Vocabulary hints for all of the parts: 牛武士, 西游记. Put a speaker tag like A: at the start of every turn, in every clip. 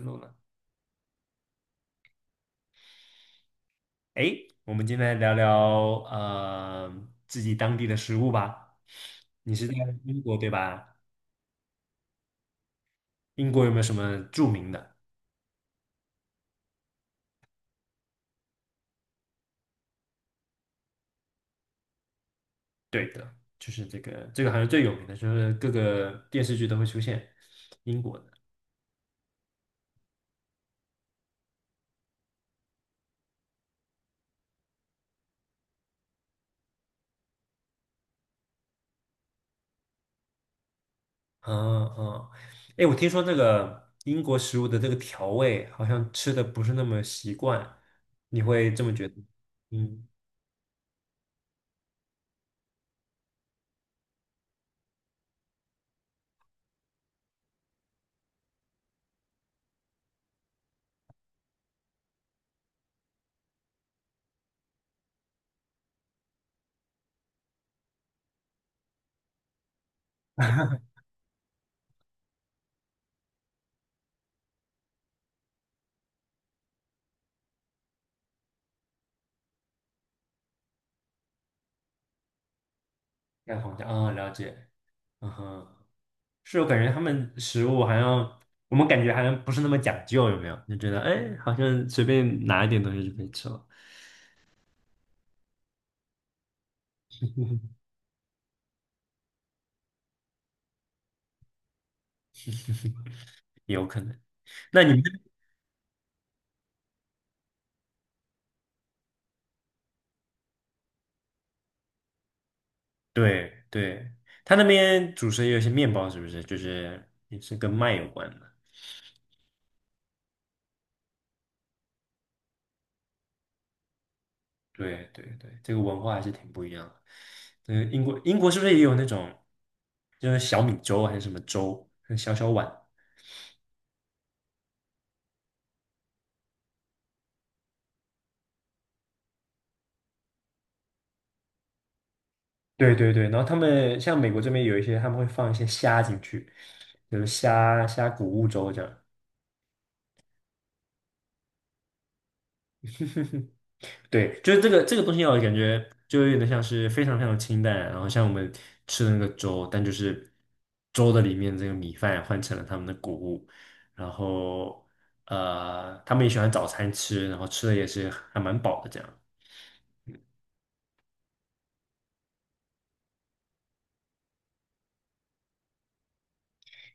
A: 录了。诶，我们今天来聊聊自己当地的食物吧。你是在英国对吧？英国有没有什么著名的？对的，就是这个好像最有名的，就是各个电视剧都会出现英国的。嗯嗯。诶，我听说这个英国食物的这个调味好像吃的不是那么习惯，你会这么觉得？嗯。蛋黄酱啊，了解。嗯哼。是我感觉他们食物好像我们感觉好像不是那么讲究，有没有？就觉得哎，好像随便拿一点东西就可以吃了，也有可能。那你们对对，他那边主食也有一些面包，是不是？就是也是跟麦有关的。对对对，这个文化还是挺不一样的。嗯，英国是不是也有那种就是小米粥还是什么粥，小小碗？对对对，然后他们像美国这边有一些，他们会放一些虾进去，就是虾谷物粥这样。对，就是这个东西让我感觉就有点像是非常非常清淡，然后像我们吃的那个粥，但就是粥的里面这个米饭换成了他们的谷物，然后他们也喜欢早餐吃，然后吃的也是还蛮饱的这样。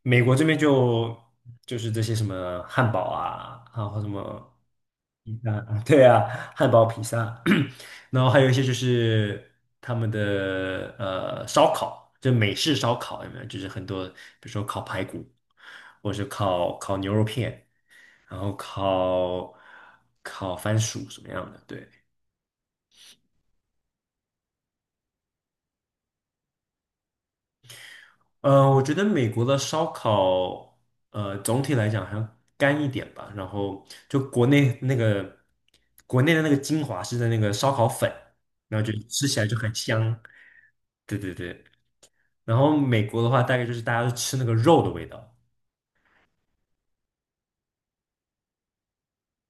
A: 美国这边就是这些什么汉堡啊，然后什么。披萨，啊对啊，汉堡、披萨，然后还有一些就是他们的烧烤，就美式烧烤有没有？就是很多，比如说烤排骨，或者是烤牛肉片，然后烤番薯什么样的？对。我觉得美国的烧烤，总体来讲好像干一点吧，然后就国内的那个精华是在那个烧烤粉，然后就吃起来就很香。对对对。然后美国的话，大概就是大家都吃那个肉的味道。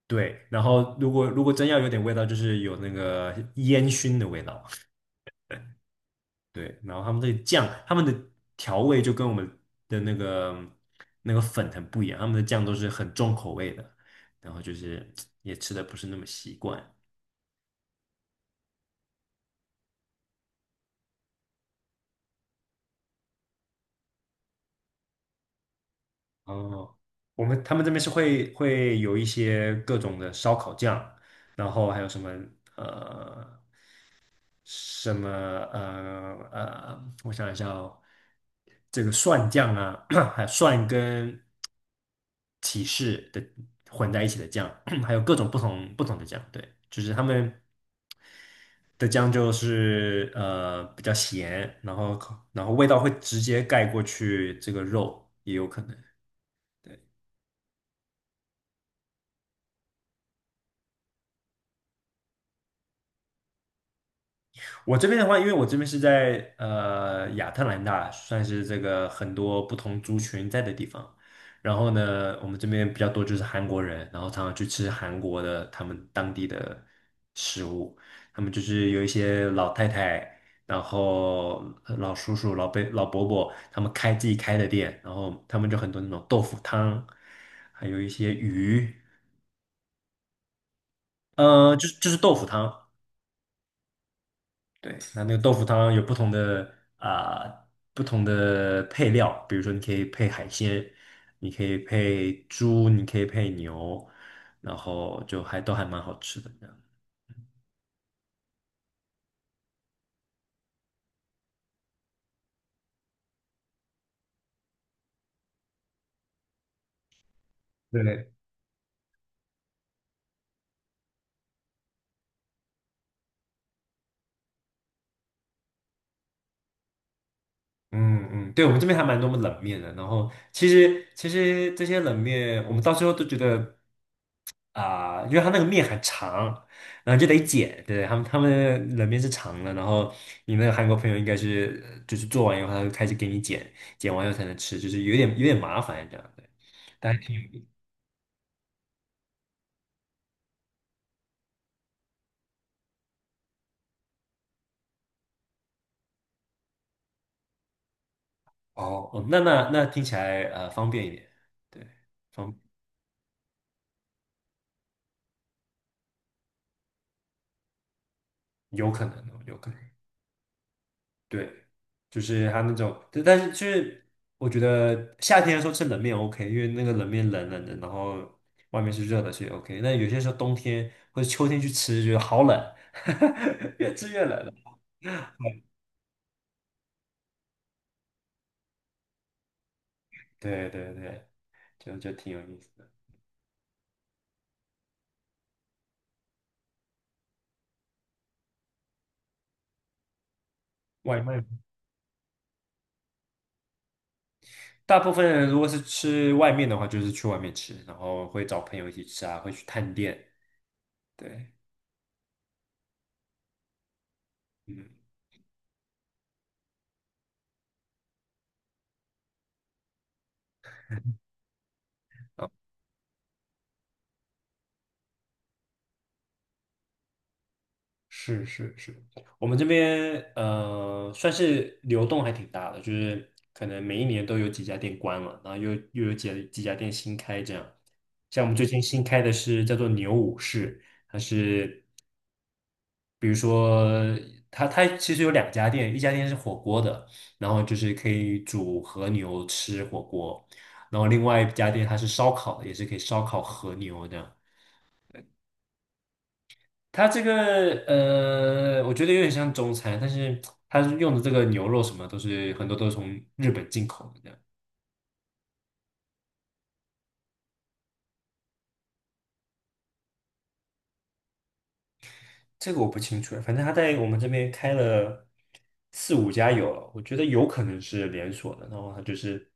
A: 对。然后如果真要有点味道，就是有那个烟熏的味道。对。然后他们这个酱，他们的调味就跟我们的那个粉很不一样，他们的酱都是很重口味的，然后就是也吃的不是那么习惯。哦，我们他们这边是会有一些各种的烧烤酱，然后还有什么呃什么我想一下哦，这个蒜酱啊，还有蒜跟，是的，混在一起的酱，还有各种不同的酱。对，就是他们的酱就是比较咸，然后味道会直接盖过去这个肉，也有可能。对。我这边的话，因为我这边是在亚特兰大，算是这个很多不同族群在的地方。然后呢，我们这边比较多就是韩国人，然后常常去吃韩国的他们当地的食物。他们就是有一些老太太，然后老叔叔、老伯、老伯伯，他们开自己开的店，然后他们就很多那种豆腐汤，还有一些鱼。就是豆腐汤。对，那个豆腐汤有不同的啊、不同的配料，比如说你可以配海鲜，你可以配猪，你可以配牛，然后就还都还蛮好吃的这样。对。嗯嗯，对，我们这边还蛮多冷面的，然后其实这些冷面，我们到最后都觉得。啊，因为它那个面很长，然后就得剪。对，他们冷面是长的，然后你那个韩国朋友应该是就是做完以后，他就开始给你剪，剪完以后才能吃，就是有点麻烦这样。对。但哦,那听起来方便一点。对，方有可能。对，就是它那种，但是就是我觉得夏天的时候吃冷面 OK,因为那个冷面冷冷的，然后外面是热的，所以 OK。那有些时候冬天或者秋天去吃，觉得好冷，越吃越冷了。对对对，就挺有意思的。外卖，大部分人如果是吃外面的话，就是去外面吃，然后会找朋友一起吃啊，会去探店。对。嗯。是是是，我们这边算是流动还挺大的，就是可能每一年都有几家店关了，然后又有几家店新开这样。像我们最近新开的是叫做牛武士，比如说它其实有两家店，一家店是火锅的，然后就是可以煮和牛吃火锅，然后另外一家店它是烧烤的，也是可以烧烤和牛的。它这个我觉得有点像中餐，但是它用的这个牛肉什么很多都是从日本进口的这样。这个我不清楚，反正它在我们这边开了四五家有了，我觉得有可能是连锁的。然后它就是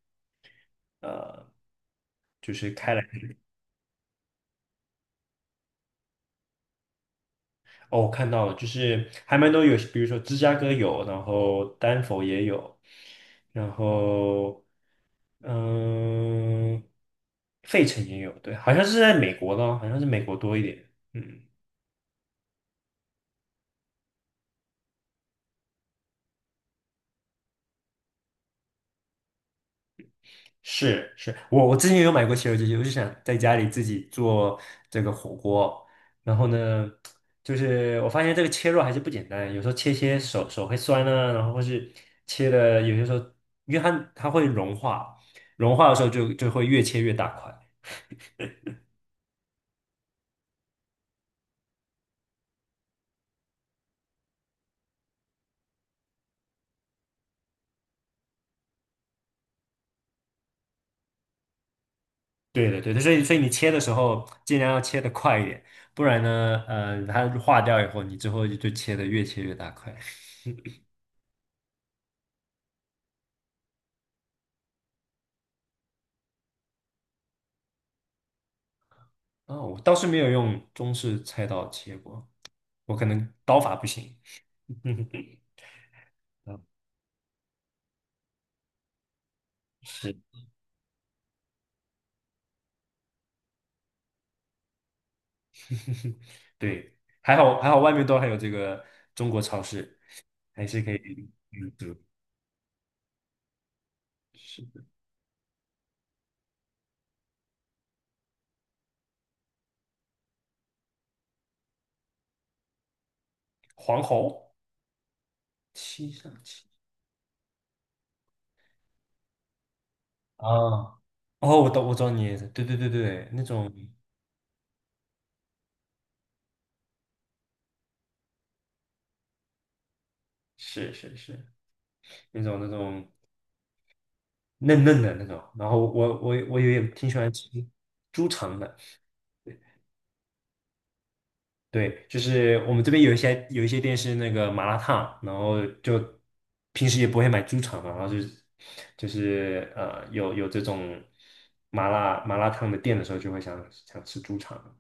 A: 哦，我看到了，就是还蛮多有，比如说芝加哥有，然后丹佛也有，然后嗯，费城也有。对，好像是在美国的，哦，好像是美国多一点。嗯。是是，我之前也有买过西游记，我就想在家里自己做这个火锅。然后呢，就是我发现这个切肉还是不简单，有时候切手会酸啊，然后或是切的有些时候，因为它会融化，融化的时候就会越切越大块。对的对的，所以你切的时候尽量要切的快一点，不然呢，它化掉以后，你之后就切的越切越大块。哦，我倒是没有用中式菜刀切过，我可能刀法不行。嗯。啊，是。对，还好还好，外面都还有这个中国超市，还是可以。嗯，对，是的。黄喉七上七啊。哦，我懂，我知道你意思，对对对对，那种是是是，那种嫩嫩的那种，然后我也挺喜欢吃猪肠的。对，就是我们这边有一些店是那个麻辣烫，然后就平时也不会买猪肠嘛，然后就是有这种麻辣烫的店的时候，就会想吃猪肠。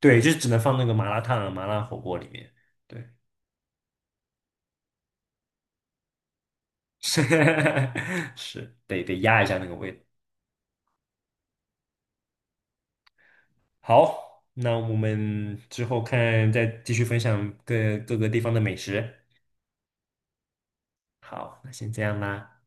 A: 对，就是只能放那个麻辣烫啊、麻辣火锅里面。对，是是得压一下那个味道。好，那我们之后看再继续分享各个地方的美食。好，那先这样啦。